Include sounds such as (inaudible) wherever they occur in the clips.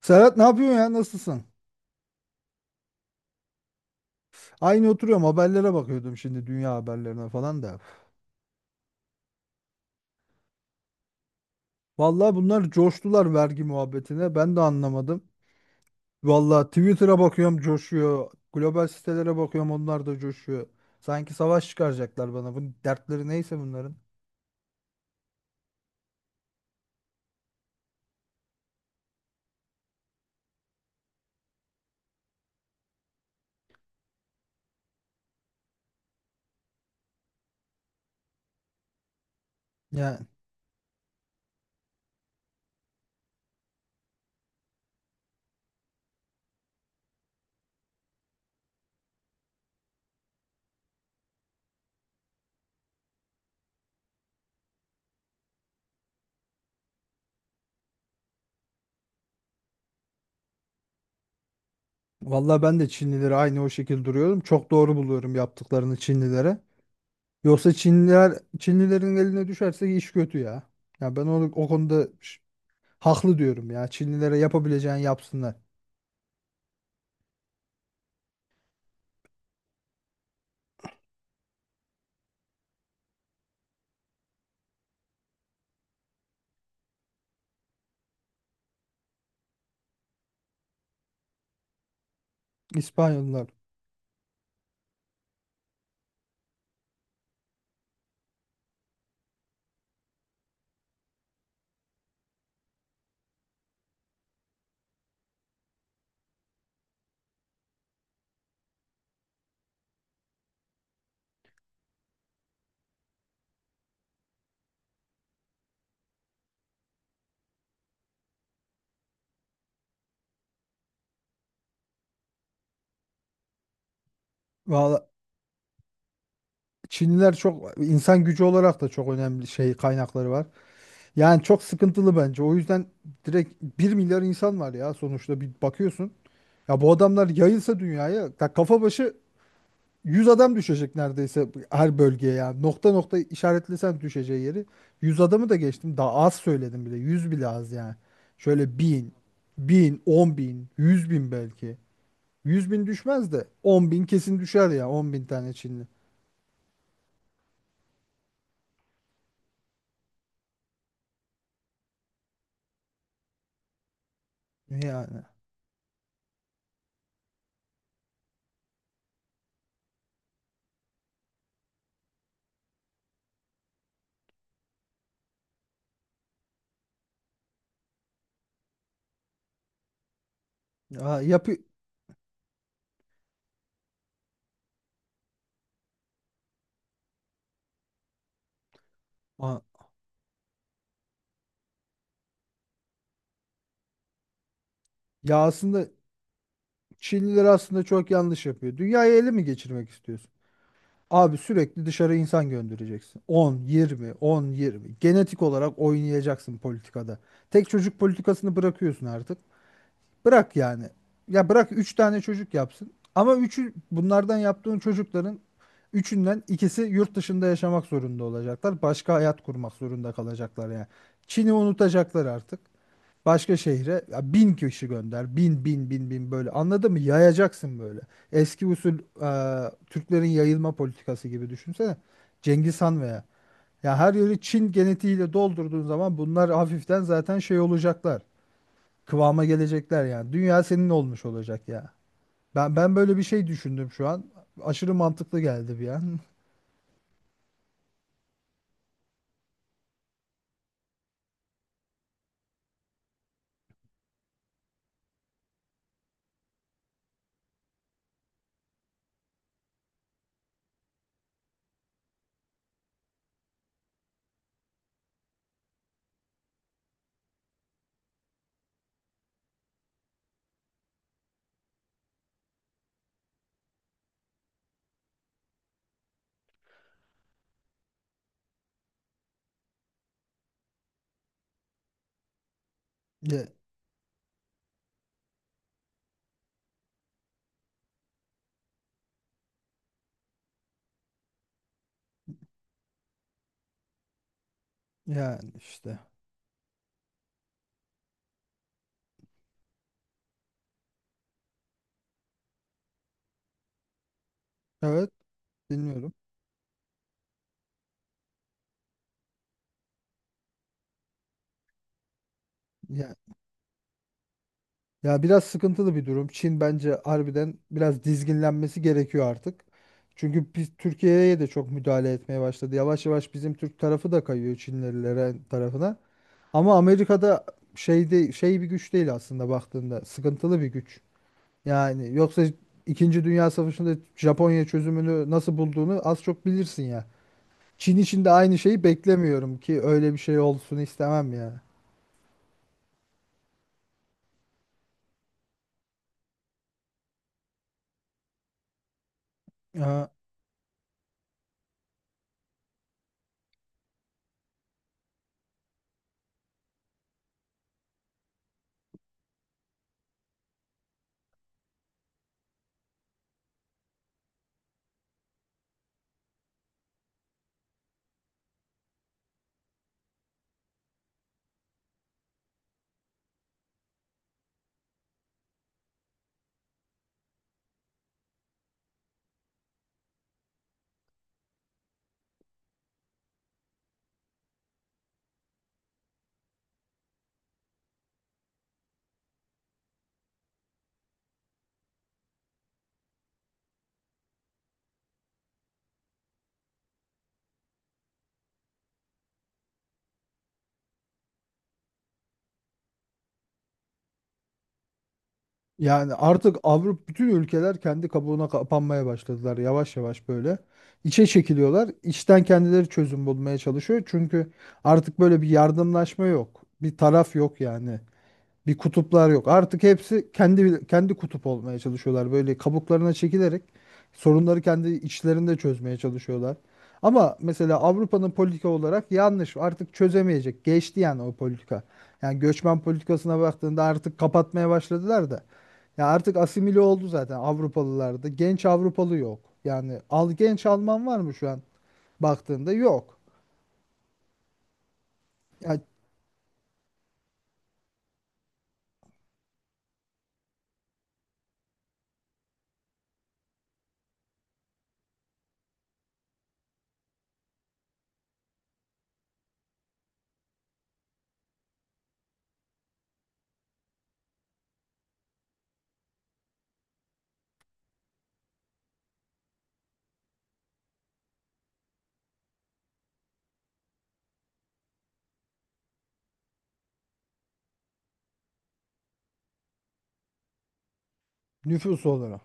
Serhat ne yapıyorsun ya? Nasılsın? Aynı oturuyorum, haberlere bakıyordum şimdi, dünya haberlerine falan da. Vallahi bunlar coştular vergi muhabbetine. Ben de anlamadım. Vallahi Twitter'a bakıyorum coşuyor. Global sitelere bakıyorum, onlar da coşuyor. Sanki savaş çıkaracaklar bana. Bu dertleri neyse bunların. Ya vallahi ben de Çinlileri aynı o şekilde duruyorum. Çok doğru buluyorum yaptıklarını Çinlilere. Yoksa Çinliler Çinlilerin eline düşerse iş kötü ya. Ya ben onu o konuda haklı diyorum ya. Çinlilere yapabileceğini yapsınlar. İspanyollar. Valla Çinliler çok insan gücü olarak da çok önemli şey kaynakları var. Yani çok sıkıntılı bence. O yüzden direkt bir milyar insan var ya sonuçta, bir bakıyorsun. Ya bu adamlar yayılsa dünyaya ya, kafa başı 100 adam düşecek neredeyse her bölgeye ya. Nokta nokta işaretlesen düşeceği yeri. Yüz adamı da geçtim. Daha az söyledim bile. 100 bile az yani. Şöyle 1000, 1000, 10 bin, 100 bin belki. 100 bin düşmez de 10 bin kesin düşer ya, 10 bin tane Çinli. Yani. Aa, yapı Aa, ya aslında Çinliler aslında çok yanlış yapıyor. Dünyayı ele mi geçirmek istiyorsun? Abi sürekli dışarı insan göndereceksin. 10, 20, 10 20. Genetik olarak oynayacaksın politikada. Tek çocuk politikasını bırakıyorsun artık. Bırak yani. Ya bırak 3 tane çocuk yapsın. Ama üçü bunlardan, yaptığın çocukların üçünden ikisi yurt dışında yaşamak zorunda olacaklar. Başka hayat kurmak zorunda kalacaklar yani. Çin'i unutacaklar artık. Başka şehre ya, bin kişi gönder. Bin bin bin bin böyle. Anladın mı? Yayacaksın böyle. Eski usul Türklerin yayılma politikası gibi düşünsene. Cengiz Han veya. Ya her yeri Çin genetiğiyle doldurduğun zaman bunlar hafiften zaten şey olacaklar. Kıvama gelecekler yani. Dünya senin olmuş olacak ya. Ben böyle bir şey düşündüm şu an. Aşırı mantıklı geldi bir an. (laughs) Ya, yani işte. Evet, dinliyorum. Ya Ya biraz sıkıntılı bir durum. Çin bence harbiden biraz dizginlenmesi gerekiyor artık. Çünkü biz Türkiye'ye de çok müdahale etmeye başladı. Yavaş yavaş bizim Türk tarafı da kayıyor Çinlilere tarafına. Ama Amerika'da şey bir güç değil aslında baktığında. Sıkıntılı bir güç. Yani yoksa, İkinci Dünya Savaşı'nda Japonya çözümünü nasıl bulduğunu az çok bilirsin ya. Çin için de aynı şeyi beklemiyorum, ki öyle bir şey olsun istemem ya. Yani artık Avrupa, bütün ülkeler kendi kabuğuna kapanmaya başladılar yavaş yavaş böyle. İçe çekiliyorlar. İçten kendileri çözüm bulmaya çalışıyor. Çünkü artık böyle bir yardımlaşma yok. Bir taraf yok yani. Bir kutuplar yok. Artık hepsi kendi kutup olmaya çalışıyorlar. Böyle kabuklarına çekilerek sorunları kendi içlerinde çözmeye çalışıyorlar. Ama mesela Avrupa'nın politika olarak yanlış. Artık çözemeyecek. Geçti yani o politika. Yani göçmen politikasına baktığında artık kapatmaya başladılar da. Ya artık asimile oldu zaten Avrupalılarda. Genç Avrupalı yok. Yani al, genç Alman var mı şu an baktığında? Yok. Ya nüfus olarak.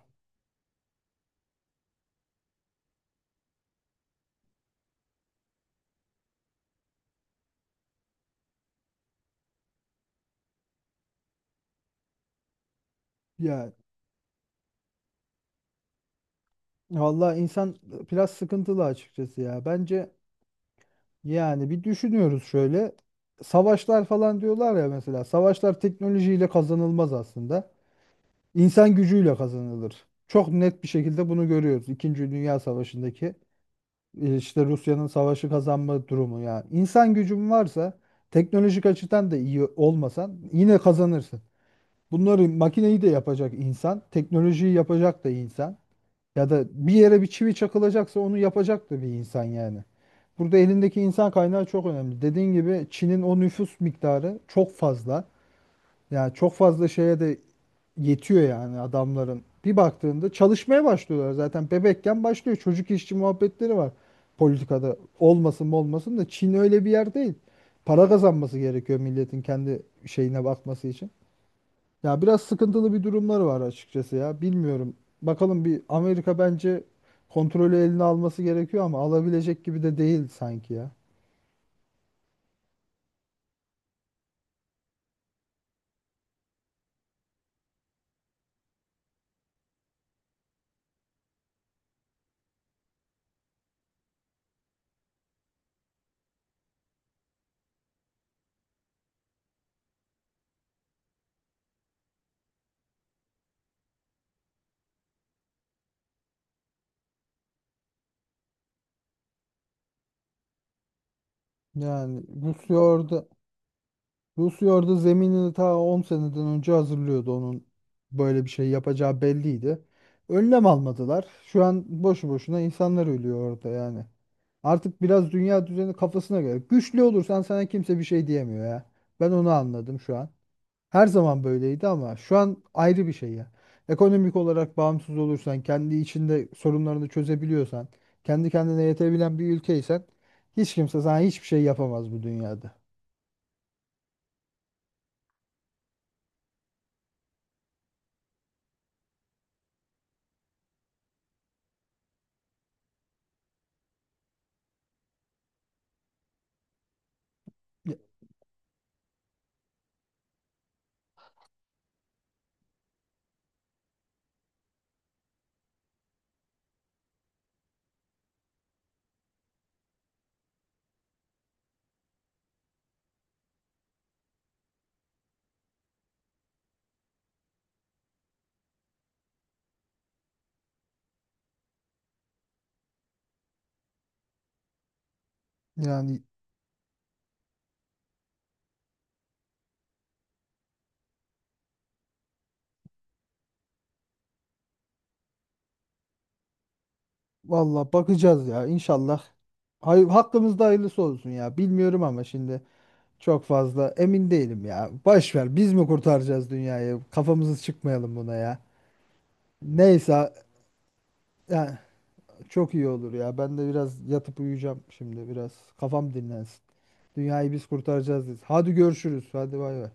Ya, valla insan biraz sıkıntılı açıkçası ya. Bence yani bir düşünüyoruz şöyle. Savaşlar falan diyorlar ya mesela. Savaşlar teknolojiyle kazanılmaz aslında. İnsan gücüyle kazanılır. Çok net bir şekilde bunu görüyoruz. İkinci Dünya Savaşı'ndaki işte Rusya'nın savaşı kazanma durumu ya. İnsan gücün varsa, teknolojik açıdan da iyi olmasan yine kazanırsın. Bunları makineyi de yapacak insan, teknolojiyi yapacak da insan. Ya da bir yere bir çivi çakılacaksa onu yapacak da bir insan yani. Burada elindeki insan kaynağı çok önemli. Dediğin gibi Çin'in o nüfus miktarı çok fazla. Yani çok fazla şeye de yetiyor yani adamların. Bir baktığında çalışmaya başlıyorlar zaten. Bebekken başlıyor. Çocuk işçi muhabbetleri var politikada. Olmasın mı, olmasın da Çin öyle bir yer değil. Para kazanması gerekiyor milletin, kendi şeyine bakması için. Ya biraz sıkıntılı bir durumları var açıkçası ya. Bilmiyorum. Bakalım, bir Amerika bence kontrolü eline alması gerekiyor ama alabilecek gibi de değil sanki ya. Yani Rusya orada zeminini ta 10 seneden önce hazırlıyordu. Onun böyle bir şey yapacağı belliydi. Önlem almadılar. Şu an boşu boşuna insanlar ölüyor orada yani. Artık biraz dünya düzeni kafasına göre. Güçlü olursan sana kimse bir şey diyemiyor ya. Ben onu anladım şu an. Her zaman böyleydi ama şu an ayrı bir şey ya. Ekonomik olarak bağımsız olursan, kendi içinde sorunlarını çözebiliyorsan, kendi kendine yetebilen bir ülkeysen hiç kimse sana hiçbir şey yapamaz bu dünyada. Ya- Yani valla bakacağız ya, inşallah. Hay hakkımızda hayırlısı olsun ya. Bilmiyorum ama şimdi çok fazla emin değilim ya. Baş ver, biz mi kurtaracağız dünyayı? Kafamızı çıkmayalım buna ya. Neyse yani. Çok iyi olur ya. Ben de biraz yatıp uyuyacağım şimdi biraz. Kafam dinlensin. Dünyayı biz kurtaracağız biz. Hadi görüşürüz. Hadi bay bay.